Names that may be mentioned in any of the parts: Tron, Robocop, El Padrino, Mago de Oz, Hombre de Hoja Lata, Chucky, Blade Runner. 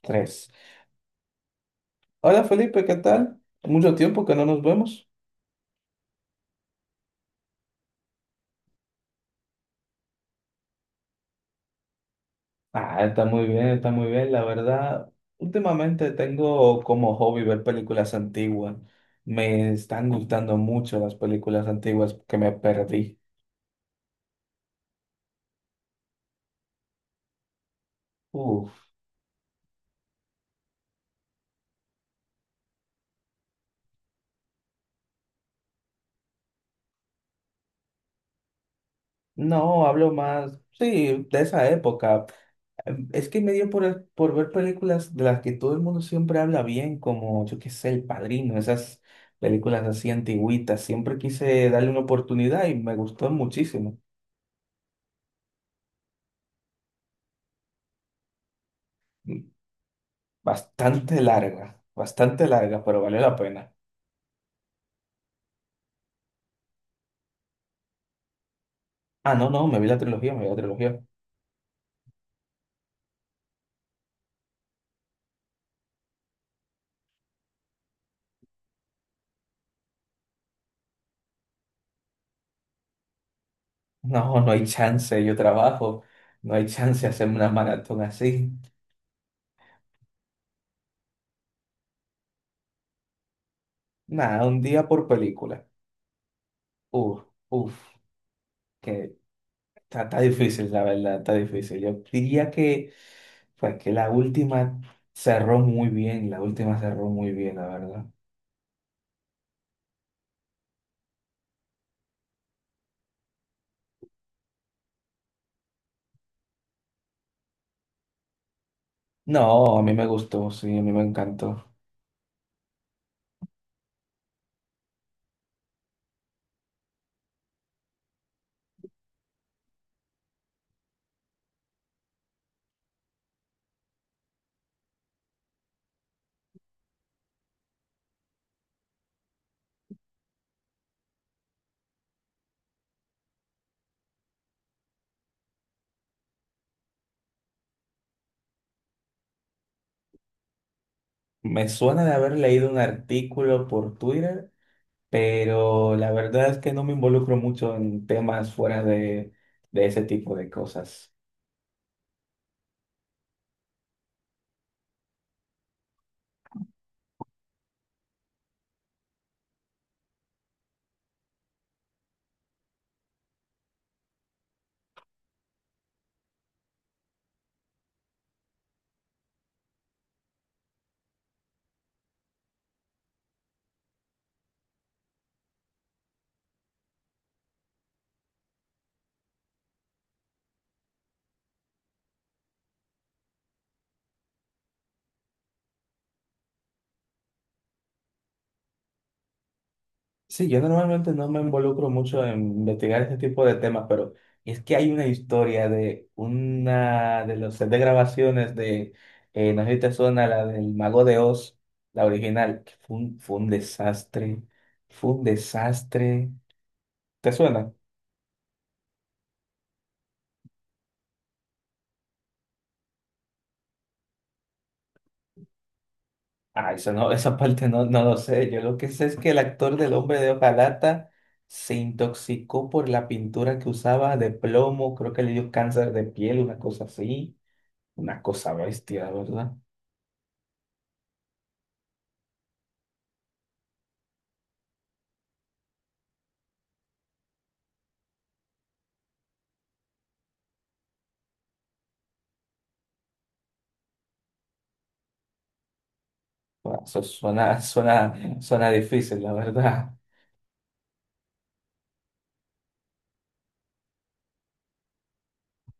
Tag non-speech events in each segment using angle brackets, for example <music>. Tres. Hola Felipe, ¿qué tal? Mucho tiempo que no nos vemos. Ah, está muy bien, está muy bien. La verdad, últimamente tengo como hobby ver películas antiguas. Me están gustando mucho las películas antiguas que me perdí. Uf, no, hablo más, sí, de esa época. Es que me dio por ver películas de las que todo el mundo siempre habla bien, como yo qué sé, El Padrino, esas películas así antigüitas. Siempre quise darle una oportunidad y me gustó muchísimo. Bastante larga, pero valió la pena. Ah, no, no, me vi la trilogía, me vi la trilogía. No, no hay chance, yo trabajo, no hay chance de hacerme una maratón así. Nada, un día por película. Uf, uf, que está, está difícil, la verdad, está difícil. Yo diría que, pues, que la última cerró muy bien, la última cerró muy bien, la verdad. No, a mí me gustó, sí, a mí me encantó. Me suena de haber leído un artículo por Twitter pero la verdad es que no me involucro mucho en temas fuera de ese tipo de cosas. Sí, yo normalmente no me involucro mucho en investigar ese tipo de temas, pero es que hay una historia de una de los set de grabaciones de, no sé si te suena, la del Mago de Oz, la original, que fue un desastre, fue un desastre. ¿Te suena? Ah, eso no, <laughs> esa parte no, no lo sé. Yo lo que sé es que el actor del Hombre de Hoja Lata se intoxicó por la pintura que usaba de plomo. Creo que le dio cáncer de piel, una cosa así. Una cosa bestia, la verdad. Bueno, eso suena, <laughs> suena, suena difícil, la verdad. <laughs>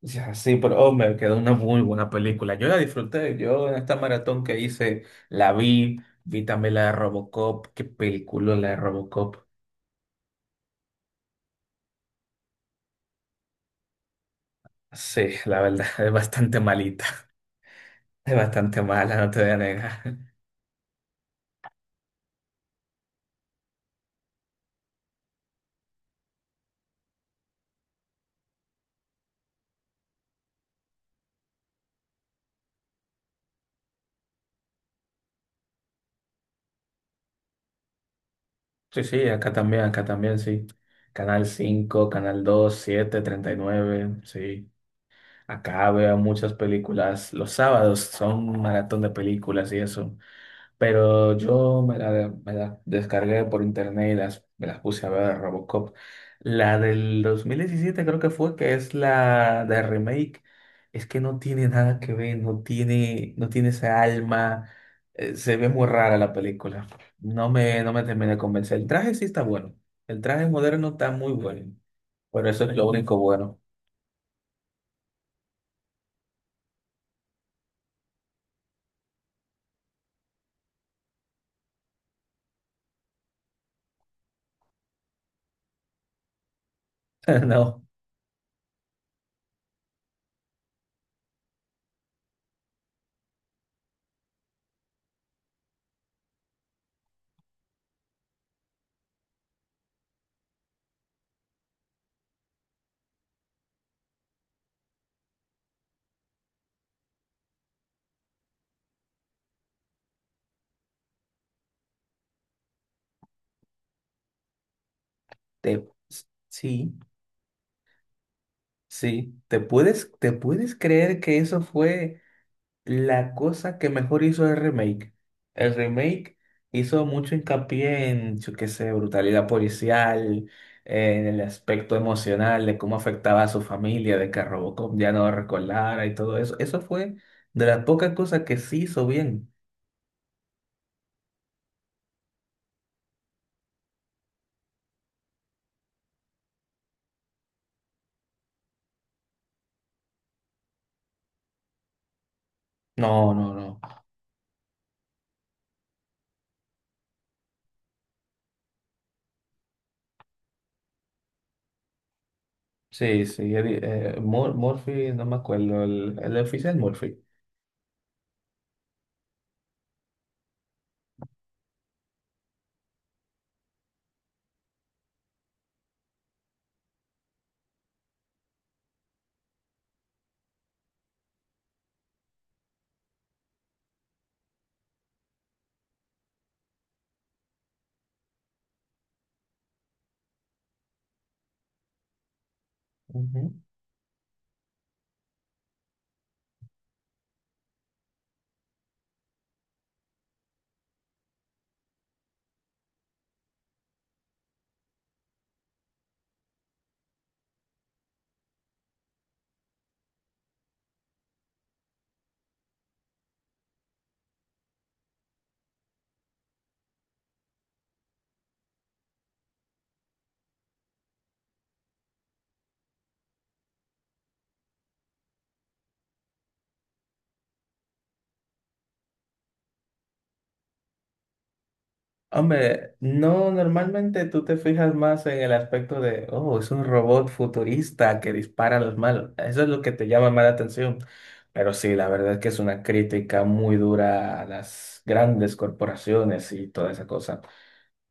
Ya, sí, pero hombre, quedó una muy buena película. Yo la disfruté. Yo en esta maratón que hice la vi. Vi también la de Robocop. Qué película la de Robocop. Sí, la verdad, <laughs> es bastante malita. <laughs> Es bastante mala, no te voy a negar. Sí, sí, acá también, sí. Canal 5, Canal 2, 7, 39, sí. Acá veo muchas películas. Los sábados son un maratón de películas y eso. Pero yo me la descargué por internet y me las puse a ver Robocop. La del 2017 creo que fue, que es la de remake. Es que no tiene nada que ver, no tiene, no tiene esa alma. Se ve muy rara la película. No me terminé de convencer. El traje sí está bueno. El traje moderno está muy bueno. Pero eso es lo único bueno. <laughs> No, te, sí, sí. ¿Te puedes creer que eso fue? La cosa que mejor hizo el remake. El remake hizo mucho hincapié en, yo qué sé, brutalidad policial, en el aspecto emocional de cómo afectaba a su familia, de que Robocop ya no recordara y todo eso. Eso fue de las pocas cosas que sí hizo bien. No, no, no. Sí, sí. Murphy, no me acuerdo, el oficial Murphy. Ujú. Hombre, no, normalmente tú te fijas más en el aspecto de, oh, es un robot futurista que dispara a los malos. Eso es lo que te llama más la atención. Pero sí, la verdad es que es una crítica muy dura a las grandes corporaciones y toda esa cosa.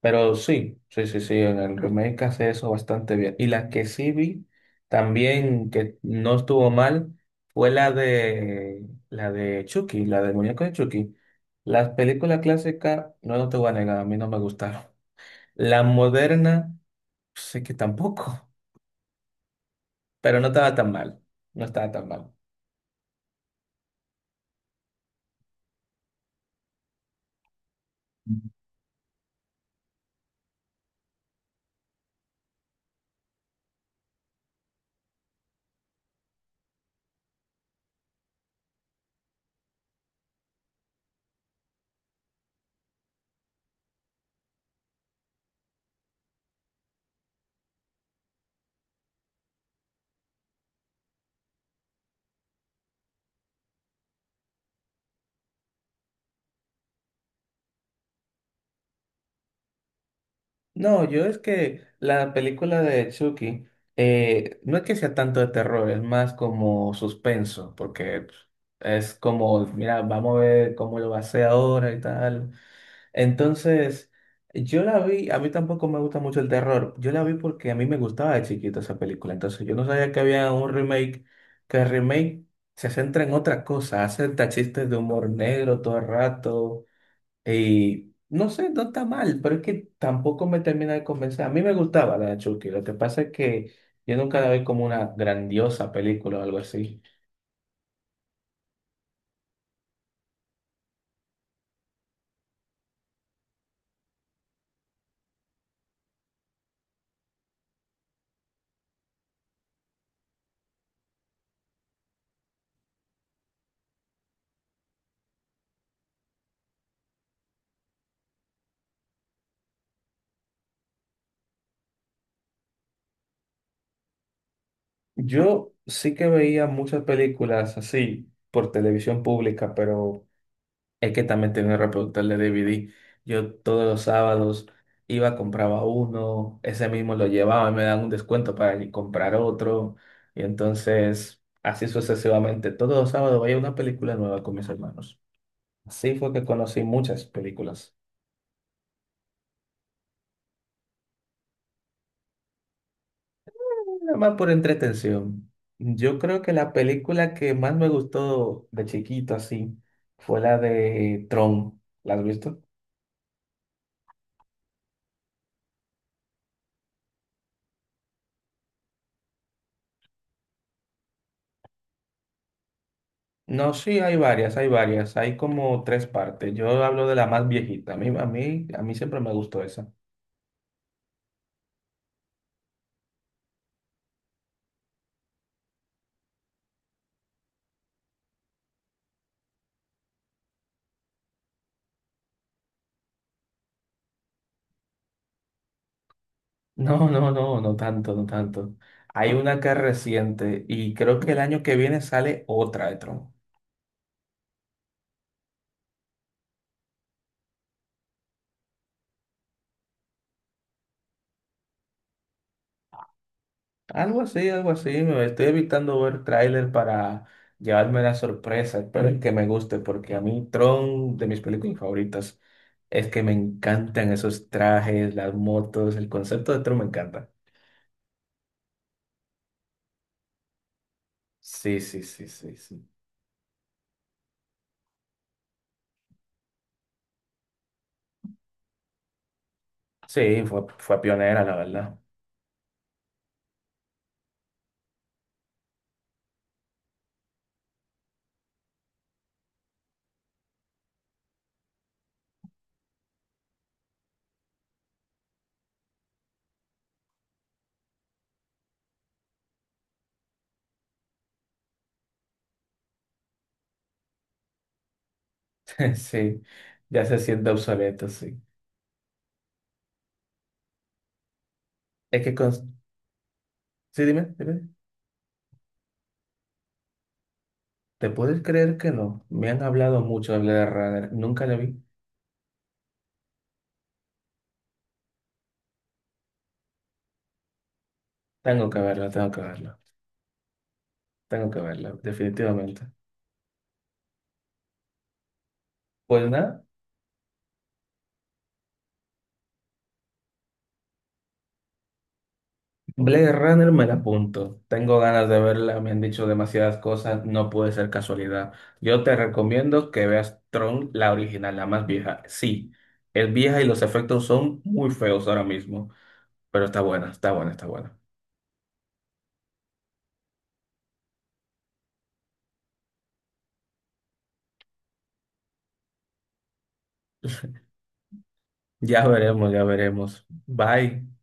Pero sí, sí, sí, sí, en el remake hace eso bastante bien. Y la que sí vi también que no estuvo mal fue la de Chucky, la del muñeco de Chucky. Las películas clásicas, no, no te voy a negar, a mí no me gustaron. La moderna, sé que tampoco, pero no estaba tan mal, no estaba tan mal. No, yo es que la película de Chucky no es que sea tanto de terror, es más como suspenso, porque es como, mira, vamos a ver cómo lo va a hacer ahora y tal. Entonces, yo la vi, a mí tampoco me gusta mucho el terror, yo la vi porque a mí me gustaba de chiquito esa película, entonces yo no sabía que había un remake, que el remake se centra en otra cosa, hace hasta chistes de humor negro todo el rato y no sé, no está mal, pero es que tampoco me termina de convencer. A mí me gustaba la de Chucky, lo que pasa es que yo nunca la vi como una grandiosa película o algo así. Yo sí que veía muchas películas así por televisión pública, pero es que también tenía un reproductor de DVD. Yo todos los sábados iba, compraba uno, ese mismo lo llevaba y me daban un descuento para ir comprar otro. Y entonces, así sucesivamente, todos los sábados veía una película nueva con mis hermanos. Así fue que conocí muchas películas, nada más por entretención. Yo creo que la película que más me gustó de chiquito así fue la de Tron. ¿La has visto? No, sí, hay varias, hay varias, hay como tres partes. Yo hablo de la más viejita. A mí siempre me gustó esa. <laughs> No, no, no, no tanto, no tanto. Hay una que es reciente y creo que el año que viene sale otra de Tron. Algo así, algo así. Me estoy evitando ver tráiler para llevarme la sorpresa. Espero que me guste, porque a mí Tron, de mis películas favoritas, es que me encantan esos trajes, las motos, el concepto de Tron me encanta. Sí, sí, sí, sí, sí. Sí, fue, fue pionera, la verdad. <laughs> Sí, ya se siente obsoleto, sí. Es que con... Sí, dime, dime. ¿Te puedes creer que no? Me han hablado mucho de Blade Runner. Nunca la vi. Tengo que verla, tengo que verla. Tengo que verla, definitivamente. Pues nada, Blade Runner me la apunto. Tengo ganas de verla, me han dicho demasiadas cosas, no puede ser casualidad. Yo te recomiendo que veas Tron, la original, la más vieja. Sí, es vieja y los efectos son muy feos ahora mismo, pero está buena, está buena, está buena. Ya veremos, ya veremos. Bye.